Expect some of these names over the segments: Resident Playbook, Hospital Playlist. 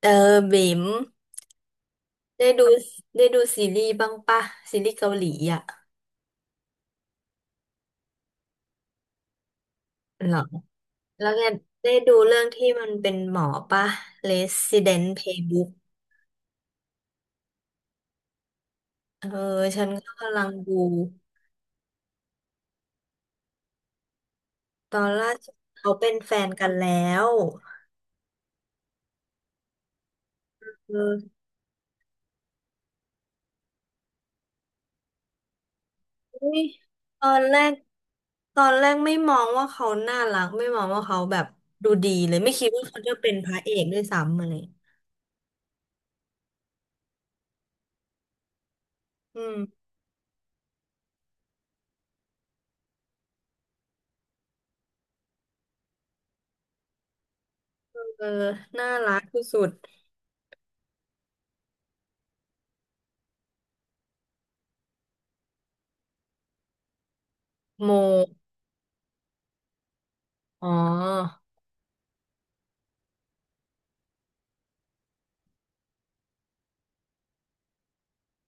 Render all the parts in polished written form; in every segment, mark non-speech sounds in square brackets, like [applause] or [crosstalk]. เออบิ๋มได้ดูซีรีส์บ้างปะซีรีส์เกาหลีอ่ะเหรอแล้วแกได้ดูเรื่องที่มันเป็นหมอปะ Resident Playbook เออฉันก็กำลังดูตอนล่าสุดเขาเป็นแฟนกันแล้วเออเฮ้ยตอนแรกตอนแรกไม่มองว่าเขาน่ารักไม่มองว่าเขาแบบดูดีเลยไม่คิดว่าเขาจะเป็นพระเอกด้วยซ้ำอะไรอืมเออน่ารักที่สุดโมอ๋อ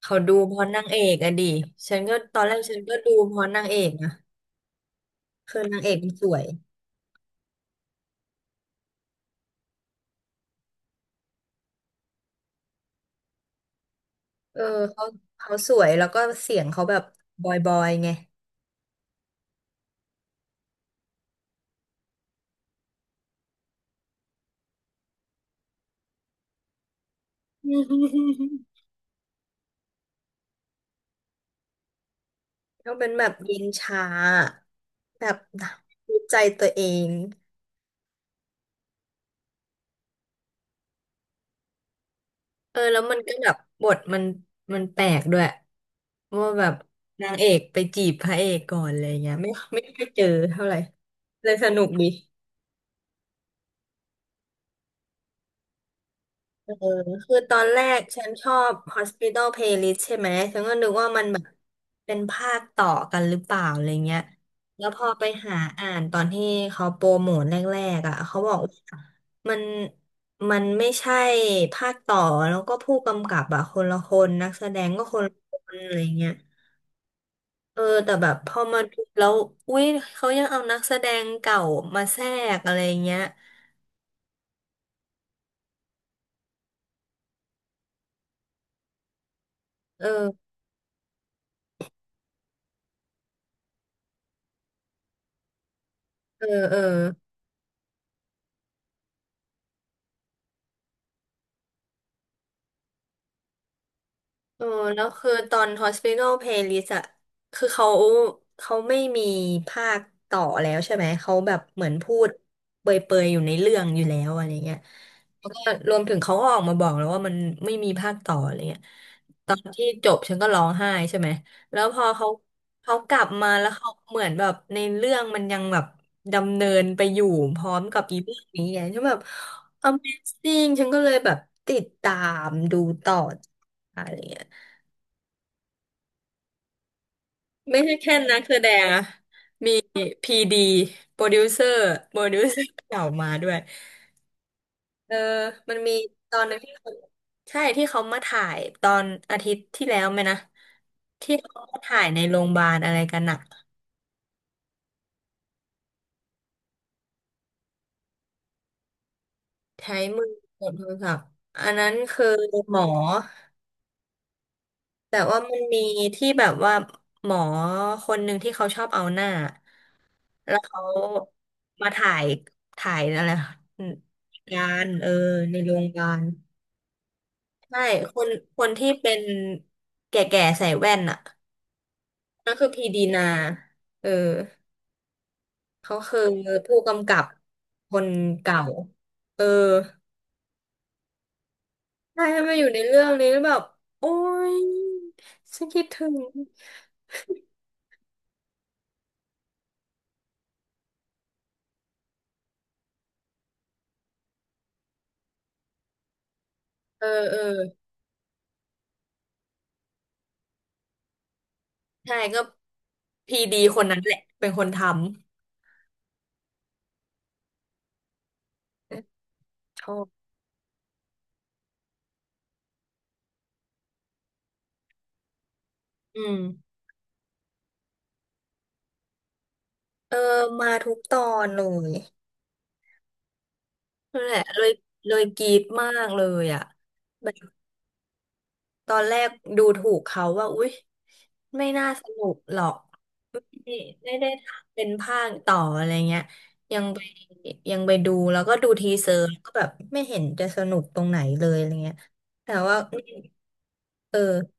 เขาดูเพราะนางเอกอะดิฉันก็ตอนแรกฉันก็ดูเพราะนางเอกนะคือนางเอกมันสวยเออเขาเขาสวยแล้วก็เสียงเขาแบบบอยบอยไง [laughs] เขาเป็นแบบเย็นชาแบบดูใจตัวเองเออแล้วมันก็แบบบทมันแปลกด้วยว่าแบบนางเอกไปจีบพระเอกก่อนอะไรเงี้ยไม่ค่อยเจอเท่าไหร่เลยสนุกดี เออคือตอนแรกฉันชอบ Hospital Playlist ใช่ไหมฉันก็นึกว่ามันแบบเป็นภาคต่อกันหรือเปล่าอะไรเงี้ยแล้วพอไปหาอ่านตอนที่เขาโปรโมทแรกๆอ่ะเขาบอกว่ามันไม่ใช่ภาคต่อแล้วก็ผู้กำกับอ่ะคนละคนนักแสดงก็คนละคนอะไรเงี้ยเออแต่แบบพอมาดูแล้วอุ้ยเขายังเอานักแสดงเก่ามาแทรกอะไรเงี้ยเออเออเออ เออแล้วคือตอน Hospital Playlist อะคือเขาไม่มีภาคต่อแล้วใช่ไหมเขาแบบเหมือนพูดเปรยๆอยู่ในเรื่องอยู่แล้วอะไรเงี้ยแล้วก็รวมถึงเขาก็ออกมาบอกแล้วว่ามันไม่มีภาคต่ออะไรเงี้ยตอนที่จบฉันก็ร้องไห้ใช่ไหมแล้วพอเขากลับมาแล้วเขาเหมือนแบบในเรื่องมันยังแบบดำเนินไปอยู่พร้อมกับอีเรื่องนี้ไงฉันแบบ Amazing ฉันก็เลยแบบติดตามดูต่ออะไรเงี้ย ไม่ใช่แค่นักแสดงอะพีดีโปรดิวเซอร์โปรดิวเซอร์ [laughs] เก่ามาด้วยเออมันมีตอนหนึงที่เขาใช่ที่เขามาถ่ายตอนอาทิตย์ที่แล้วไหมนะที่เขามาถ่ายในโรงพยาบาลอะไรกันอะใช้มือกดโทรศัพท์อันนั้นคือหมอแต่ว่ามันมีที่แบบว่าหมอคนหนึ่งที่เขาชอบเอาหน้าแล้วเขามาถ่ายอะไรการเออในโรงพยาบาล ใช่คนที่เป็นแก่ๆใส่แว่นอ่ะนั่นคือพีดีนาเออเขาคือผู้กำกับคนเก่า เออใช่ให้มาอยู่ในเรื่องนี้แล้วแบบโอ๊ยฉันคิดถึงเออเออใช่ก็พีดีคนนั้นแหละเป็นคนทำชอบอืมเออมาทุกตอนเลยนั่นแหละเลยเลยกรี๊ดมากเลยอ่ะ ตอนแรกดูถูกเขาว่าอุ๊ยไม่น่าสนุกหรอกไม่ไม่ได้ทำเป็นภาคต่ออะไรเงี้ยยังไปดูแล้วก็ดูทีเซอร์ก็แบบไม่เห็นจะสนุกตรงไหนเลยอะไรเงี้ยแต่ว่าเออ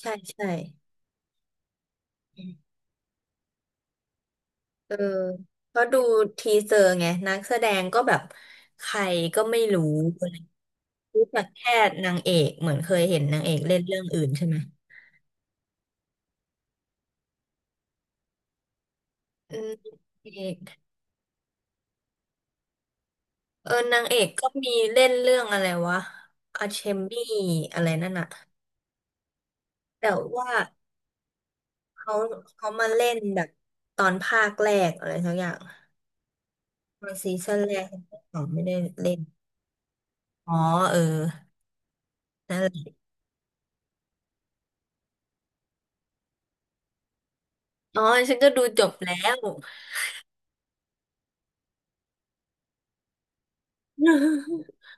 ใช่ใช่เออเพราะดูทีเซอร์ไงนักแสดงก็แบบใครก็ไม่รู้อะไรรู้จักแค่นางเอกเหมือนเคยเห็นนางเอกเล่นเรื่องอื่นใช่ไหมอืม เออนางเอกก็มีเล่นเรื่องอะไรวะอาเชมบี้อะไรนั่นอะแต่ว่าเขามาเล่นแบบตอนภาคแรกอะไรสักอย่างตอนซีซั่นแรกเขาไม่ได้เล่นอ๋อเออนั่นแหละอ๋อฉันก็ดูจบแล้ว [laughs]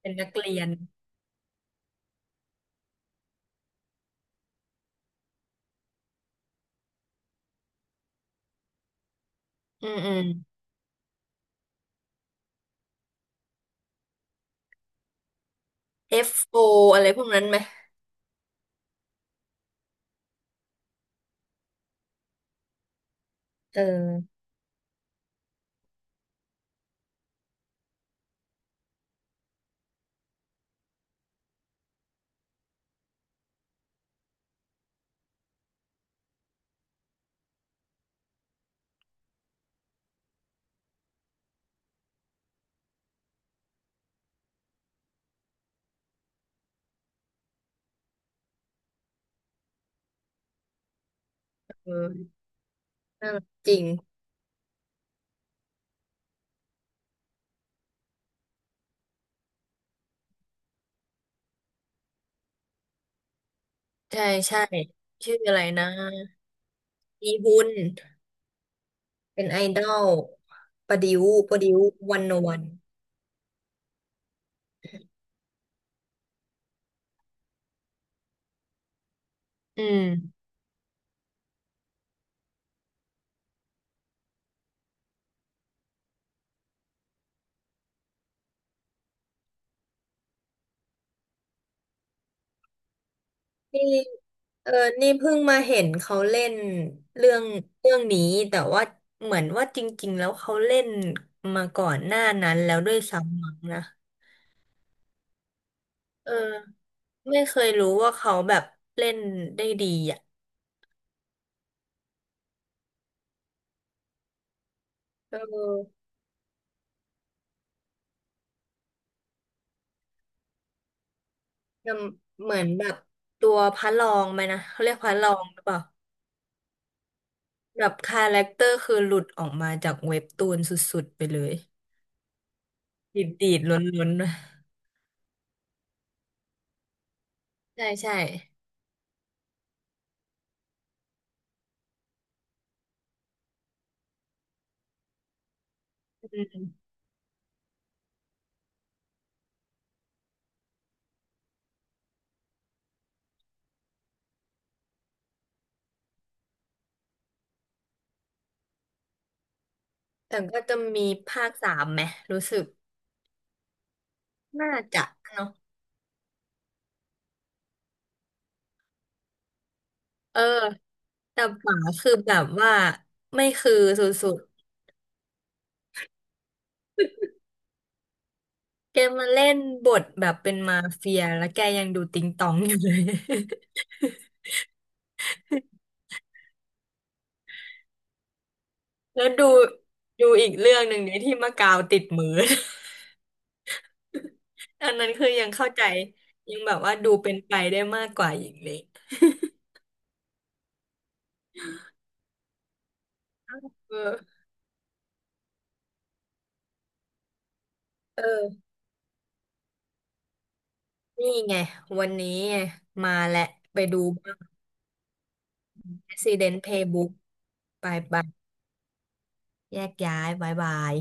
เป็นนักเรียนอืมอืม F.O. อฟโออะไรพวกนั้นไหมเออเออน่ารักจริงใช่ใช่ชื่ออะไรนะอีฮุน เป็นไอดอลประดิวประดิววันโนวันอืมนี่เออนี่เพิ่งมาเห็นเขาเล่นเรื่องนี้แต่ว่าเหมือนว่าจริงๆแล้วเขาเล่นมาก่อนหน้านั้นแล้วด้วยซ้ำมั้งนะเออไม่เคยรู้ว่าเขาแบบเล่นได้ดีอ่ะเออทำเหมือนแบบตัวพระรองไหมนะเขาเรียกพระรองหรือเปล่าแบบคาแรคเตอร์คือหลุดออกมาจากเว็บตูนสุดๆไปเลยดีดๆล้นๆนะ ใช่ใช่อืมแต่ก็จะมีภาคสามไหมรู้สึกน่าจะเนาะเออแต่ป๋าคือแบบว่าไม่คือสุดๆแกมาเล่นบทแบบเป็นมาเฟียแล้วแกยังดูติงตองอยู่เลย [laughs] แล้วดูอีกเรื่องหนึ่งเนี่ยที่มะกาวติดมือ [laughs] อันนั้นคือยังเข้าใจยังแบบว่าดูเป็นไปได้มากกว่าอย่างนี้เออเออนี่ไงวันนี้ไงมาและไปดูบ้าง Resident Playbook ไปไป แยกย้ายบายบาย